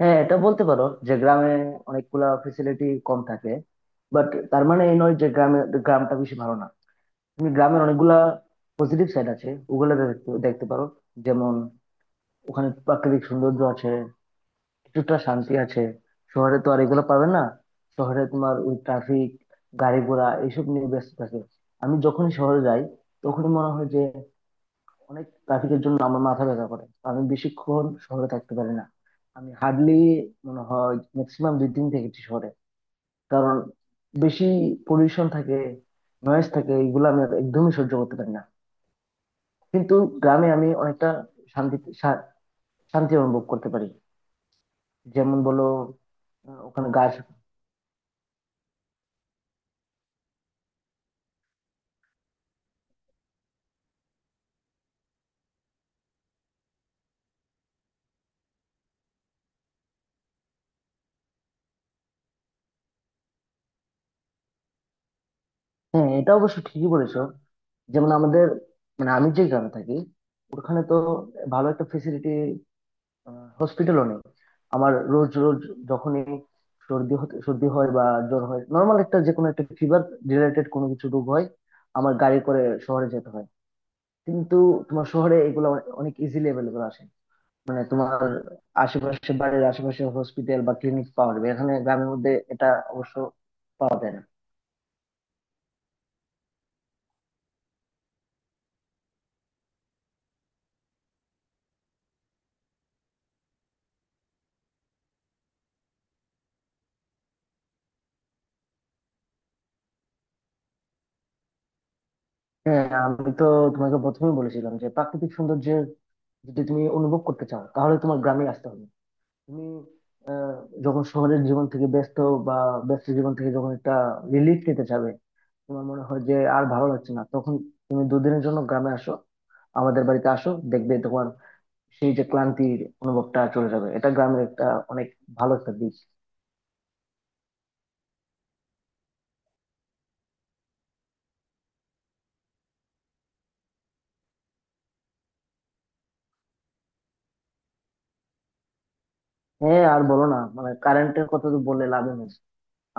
হ্যাঁ, এটা বলতে পারো যে গ্রামে অনেকগুলা ফেসিলিটি কম থাকে। বাট তার মানে এই নয় যে গ্রামটা বেশি ভালো না। তুমি গ্রামের অনেকগুলা পজিটিভ সাইড আছে, ওগুলো দেখতে দেখতে পারো। যেমন, ওখানে প্রাকৃতিক সৌন্দর্য আছে, কিছুটা শান্তি আছে। শহরে তো আর এগুলো পাবে না। শহরে তোমার ওই ট্রাফিক, গাড়ি ঘোড়া এইসব নিয়ে ব্যস্ত থাকে। আমি যখনই শহরে যাই তখনই মনে হয় যে অনেক ট্রাফিকের জন্য আমার মাথা ব্যথা করে, আমি বেশিক্ষণ শহরে থাকতে পারি না। আমি হার্ডলি মনে হয় ম্যাক্সিমাম 2 দিন থেকেছি শহরে। কারণ বেশি পলিউশন থাকে, নয়েজ থাকে, এগুলো আমি আর একদমই সহ্য করতে পারি না। কিন্তু গ্রামে আমি অনেকটা শান্তি শা- শান্তি অনুভব করতে পারি। যেমন বলো, ওখানে গাছ। হ্যাঁ, এটা অবশ্য ঠিকই বলেছো। যেমন আমাদের, মানে আমি যে গ্রামে থাকি ওখানে তো ভালো একটা ফেসিলিটি হসপিটালও নেই। আমার রোজ রোজ যখনই সর্দি হয় বা জ্বর হয়, নর্মাল একটা যে কোনো একটা ফিভার রিলেটেড কোনো কিছু রোগ হয়, আমার গাড়ি করে শহরে যেতে হয়। কিন্তু তোমার শহরে এগুলো অনেক ইজিলি অ্যাভেলেবল আসে। মানে তোমার আশেপাশে, বাড়ির আশেপাশে হসপিটাল বা ক্লিনিক পাওয়া যাবে, এখানে গ্রামের মধ্যে এটা অবশ্য পাওয়া যায় না। হ্যাঁ, আমি তো তোমাকে প্রথমেই বলেছিলাম যে প্রাকৃতিক সৌন্দর্যের যদি তুমি অনুভব করতে চাও তাহলে তোমার গ্রামে আসতে হবে। তুমি আহ, যখন শহরের জীবন থেকে ব্যস্ত, বা ব্যস্ত জীবন থেকে যখন একটা রিলিফ নিতে চাবে, তোমার মনে হয় যে আর ভালো লাগছে না, তখন তুমি দুদিনের জন্য গ্রামে আসো, আমাদের বাড়িতে আসো, দেখবে তোমার সেই যে ক্লান্তির অনুভবটা চলে যাবে। এটা গ্রামের একটা অনেক ভালো একটা দিক। হ্যাঁ, আর বলো না, মানে কারেন্টের কথা তো বললে লাভ নেই।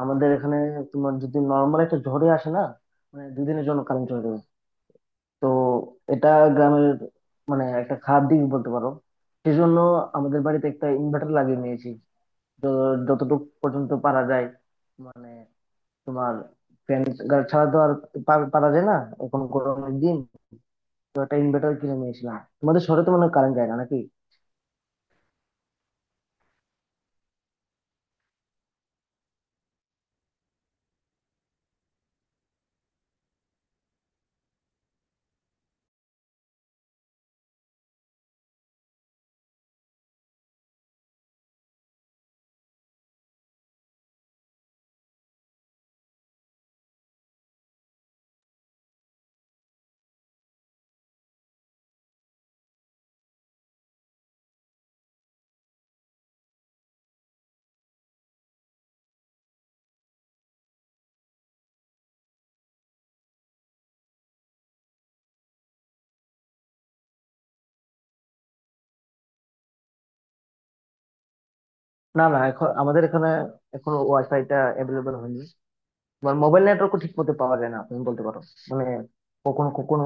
আমাদের এখানে তোমার যদি নর্মাল একটা ঝড়ে আসে না, মানে দুদিনের জন্য কারেন্ট চলে যাবে। তো এটা গ্রামের মানে একটা খারাপ দিক বলতে পারো। সেজন্য আমাদের বাড়িতে একটা ইনভার্টার লাগিয়ে নিয়েছি। তো যতটুকু পর্যন্ত পারা যায়, মানে তোমার ফ্যান ছাড়া তো আর পারা যায় না। এখন গরমের দিন, তো একটা ইনভার্টার কিনে নিয়েছিলাম। তোমাদের শহরে তো মনে হয় কারেন্ট যায় না নাকি? না না, এখন আমাদের এখানে এখন ওয়াইফাই টা অ্যাভেলেবল হয়নি। মোবাইল নেটওয়ার্কও ঠিক মতো পাওয়া যায় না, তুমি বলতে পারো। মানে কখনো কখনো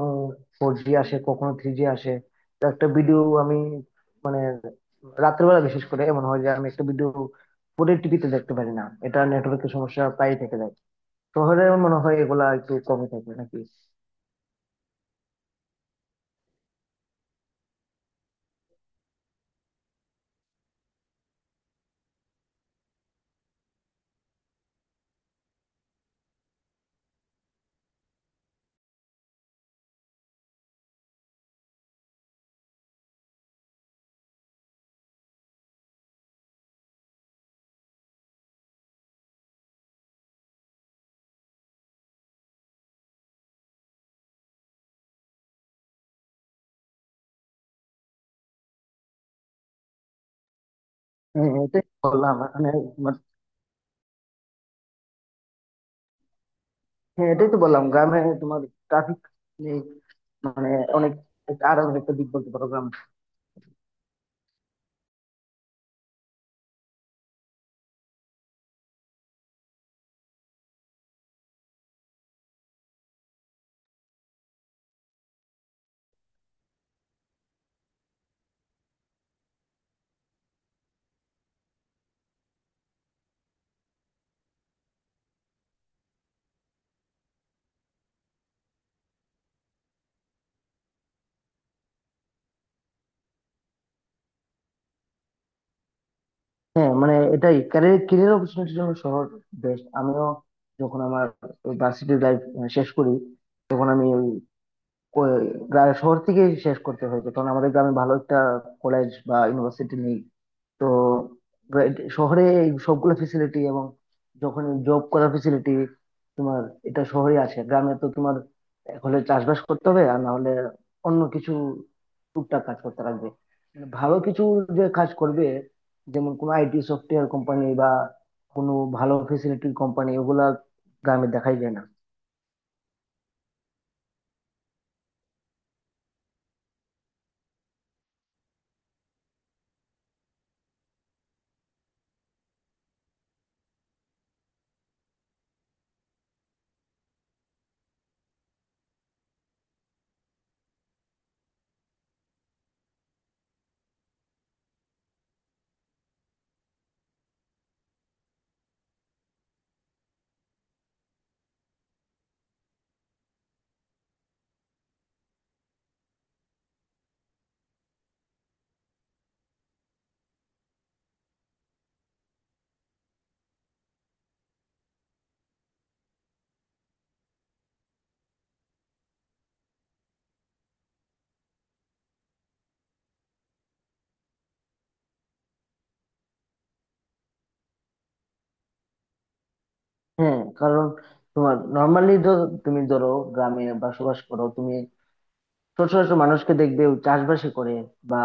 ফোর জি আসে, কখনো থ্রি জি আসে। তো একটা ভিডিও আমি, মানে রাত্রেবেলা বিশেষ করে এমন হয় যে আমি একটা ভিডিও পুরো টিভিতে দেখতে পারি না, এটা নেটওয়ার্কের সমস্যা প্রায় থেকে যায়। শহরে আমার মনে হয় এগুলা একটু কমে থাকে নাকি? হ্যাঁ, এটাই তো বললাম মানে, মানে- হ্যাঁ এটাই তো বললাম গ্রামে তোমার ট্রাফিক মানে অনেক, আরো একটা দিক বলতে পারো গ্রাম। হ্যাঁ মানে এটাই, ক্যারিয়ার ক্যারিয়ার অপরচুনিটির জন্য শহর বেস্ট। আমিও যখন আমার ভার্সিটি লাইফ শেষ করি তখন আমি ওই কো- শহর থেকে শেষ করতে হয়েছে, কারণ আমাদের গ্রামে ভালো একটা কলেজ বা ইউনিভার্সিটি নেই। তো শহরে এই সবগুলো ফেসিলিটি, এবং যখন জব করার ফেসিলিটি তোমার, এটা শহরে আছে। গ্রামে তো তোমার এক হলে চাষবাস করতে হবে, আর না হলে অন্য কিছু টুকটাক কাজ করতে লাগবে। মানে ভালো কিছু যে কাজ করবে, যেমন কোনো আইটি সফটওয়্যার কোম্পানি বা কোনো ভালো ফেসিলিটির কোম্পানি, ওগুলা গ্রামে দেখাই যায় না। হ্যাঁ, কারণ তোমার নর্মালি, তুমি ধরো গ্রামে বসবাস করো, তুমি ছোট ছোট মানুষকে দেখবে চাষবাসই করে, বা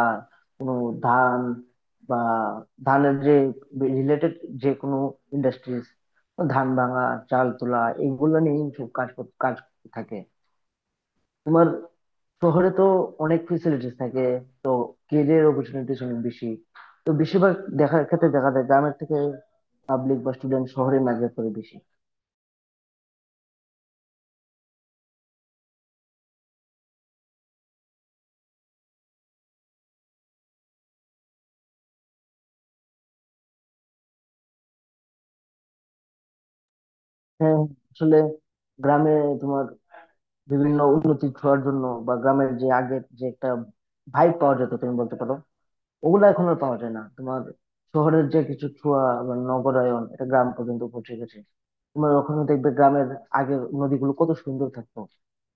কোনো ধান বা ধানের যে রিলেটেড যে কোনো ইন্ডাস্ট্রিজ, ধান ভাঙা, চাল তোলা, এগুলো নিয়ে সব কাজ থাকে তোমার। শহরে তো অনেক ফেসিলিটিস থাকে, তো কেরিয়ার অপরচুনিটিস অনেক বেশি। তো বেশিরভাগ দেখার ক্ষেত্রে দেখা যায় গ্রামের থেকে পাবলিক বা স্টুডেন্ট শহরে মাইগ্রেট করে বেশি। হ্যাঁ, আসলে গ্রামে তোমার বিভিন্ন উন্নতি ছোঁয়ার জন্য, বা গ্রামের যে আগের যে একটা ভাইব পাওয়া যেত তুমি বলতে পারো, ওগুলো এখন আর পাওয়া যায় না। তোমার শহরের যে কিছু ছোঁয়া বা নগরায়ন, এটা গ্রাম পর্যন্ত পৌঁছে গেছে। তোমার ওখানে দেখবে গ্রামের আগের নদীগুলো কত সুন্দর থাকতো,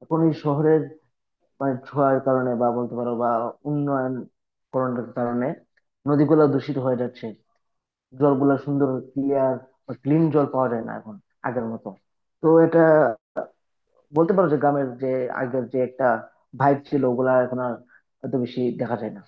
এখন এই শহরের মানে ছোঁয়ার কারণে, বা বলতে পারো বা উন্নয়ন করণের কারণে, নদীগুলো দূষিত হয়ে যাচ্ছে। জলগুলো সুন্দর ক্লিয়ার বা ক্লিন জল পাওয়া যায় না এখন আগের মতো। তো এটা বলতে পারো যে গ্রামের যে আগের যে একটা ভাইব ছিল ওগুলা এখন আর এত বেশি দেখা যায় না।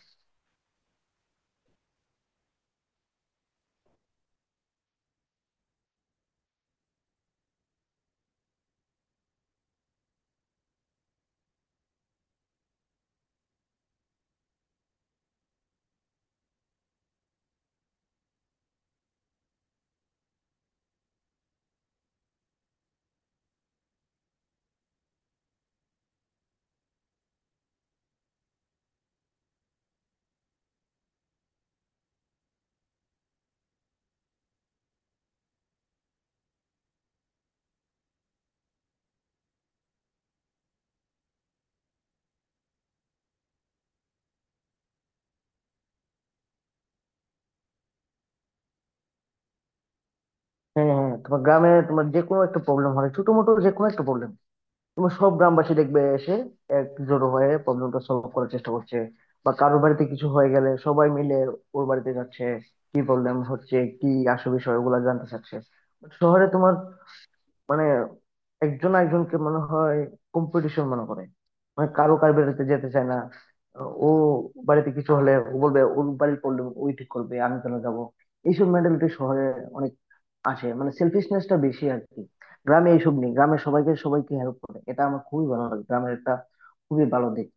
হ্যাঁ হ্যাঁ, তোমার গ্রামে তোমার যে কোনো একটা প্রবলেম হয়, ছোট মোটো যে কোনো একটা প্রবলেম, তোমার সব গ্রামবাসী দেখবে এসে একজোট হয়ে প্রবলেমটা সলভ করার চেষ্টা করছে। বা কারোর বাড়িতে কিছু হয়ে গেলে সবাই মিলে ওর বাড়িতে যাচ্ছে, কি প্রবলেম হচ্ছে, কি আসল বিষয়, ওগুলা জানতে চাচ্ছে। শহরে তোমার মানে একজন একজনকে মনে হয় কম্পিটিশন মনে করে, মানে কারো কার বাড়িতে যেতে চায় না। ও বাড়িতে কিছু হলে ও বলবে ওর বাড়ির প্রবলেম ওই ঠিক করবে, আমি কেন যাবো। এইসব মেন্টালিটি শহরে অনেক আসে, মানে সেলফিশনেসটা বেশি আর কি। গ্রামে এইসব নেই, গ্রামে সবাইকে সবাইকে হেল্প করে, এটা আমার খুবই ভালো লাগে গ্রামের একটা খুবই ভালো দিক।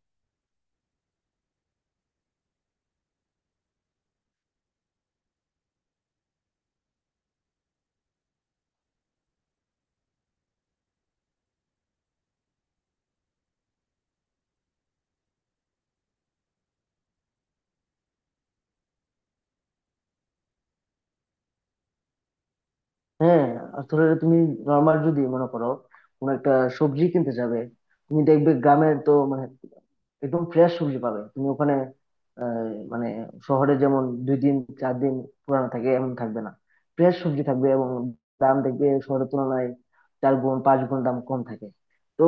হ্যাঁ, আসলে তুমি নর্মাল যদি মনে করো কোনো একটা সবজি কিনতে যাবে, তুমি দেখবে গ্রামের তো মানে একদম ফ্রেশ সবজি পাবে তুমি ওখানে। মানে শহরে যেমন 2 দিন, 4 দিন পুরানো থাকে, এমন থাকবে না, ফ্রেশ সবজি থাকবে। এবং দাম দেখবে শহরের তুলনায় 4 গুণ, 5 গুণ দাম কম থাকে। তো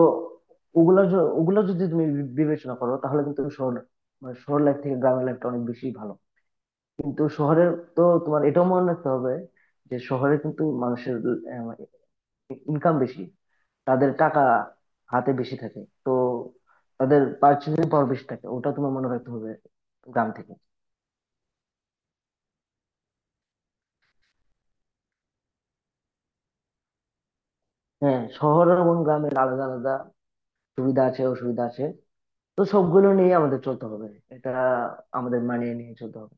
ওগুলো ওগুলো যদি তুমি বিবেচনা করো তাহলে কিন্তু শহর মানে শহর লাইফ থেকে গ্রামের লাইফটা অনেক বেশি ভালো। কিন্তু শহরের, তো তোমার এটাও মনে রাখতে হবে যে শহরে কিন্তু মানুষের ইনকাম বেশি, তাদের টাকা হাতে বেশি থাকে, তো তাদের পার্চেসিং পাওয়ার বেশি থাকে, ওটা তোমার মনে রাখতে হবে গ্রাম থেকে। হ্যাঁ, শহর এবং গ্রামের আলাদা আলাদা সুবিধা আছে, অসুবিধা আছে, তো সবগুলো নিয়ে আমাদের চলতে হবে, এটা আমাদের মানিয়ে নিয়ে চলতে হবে।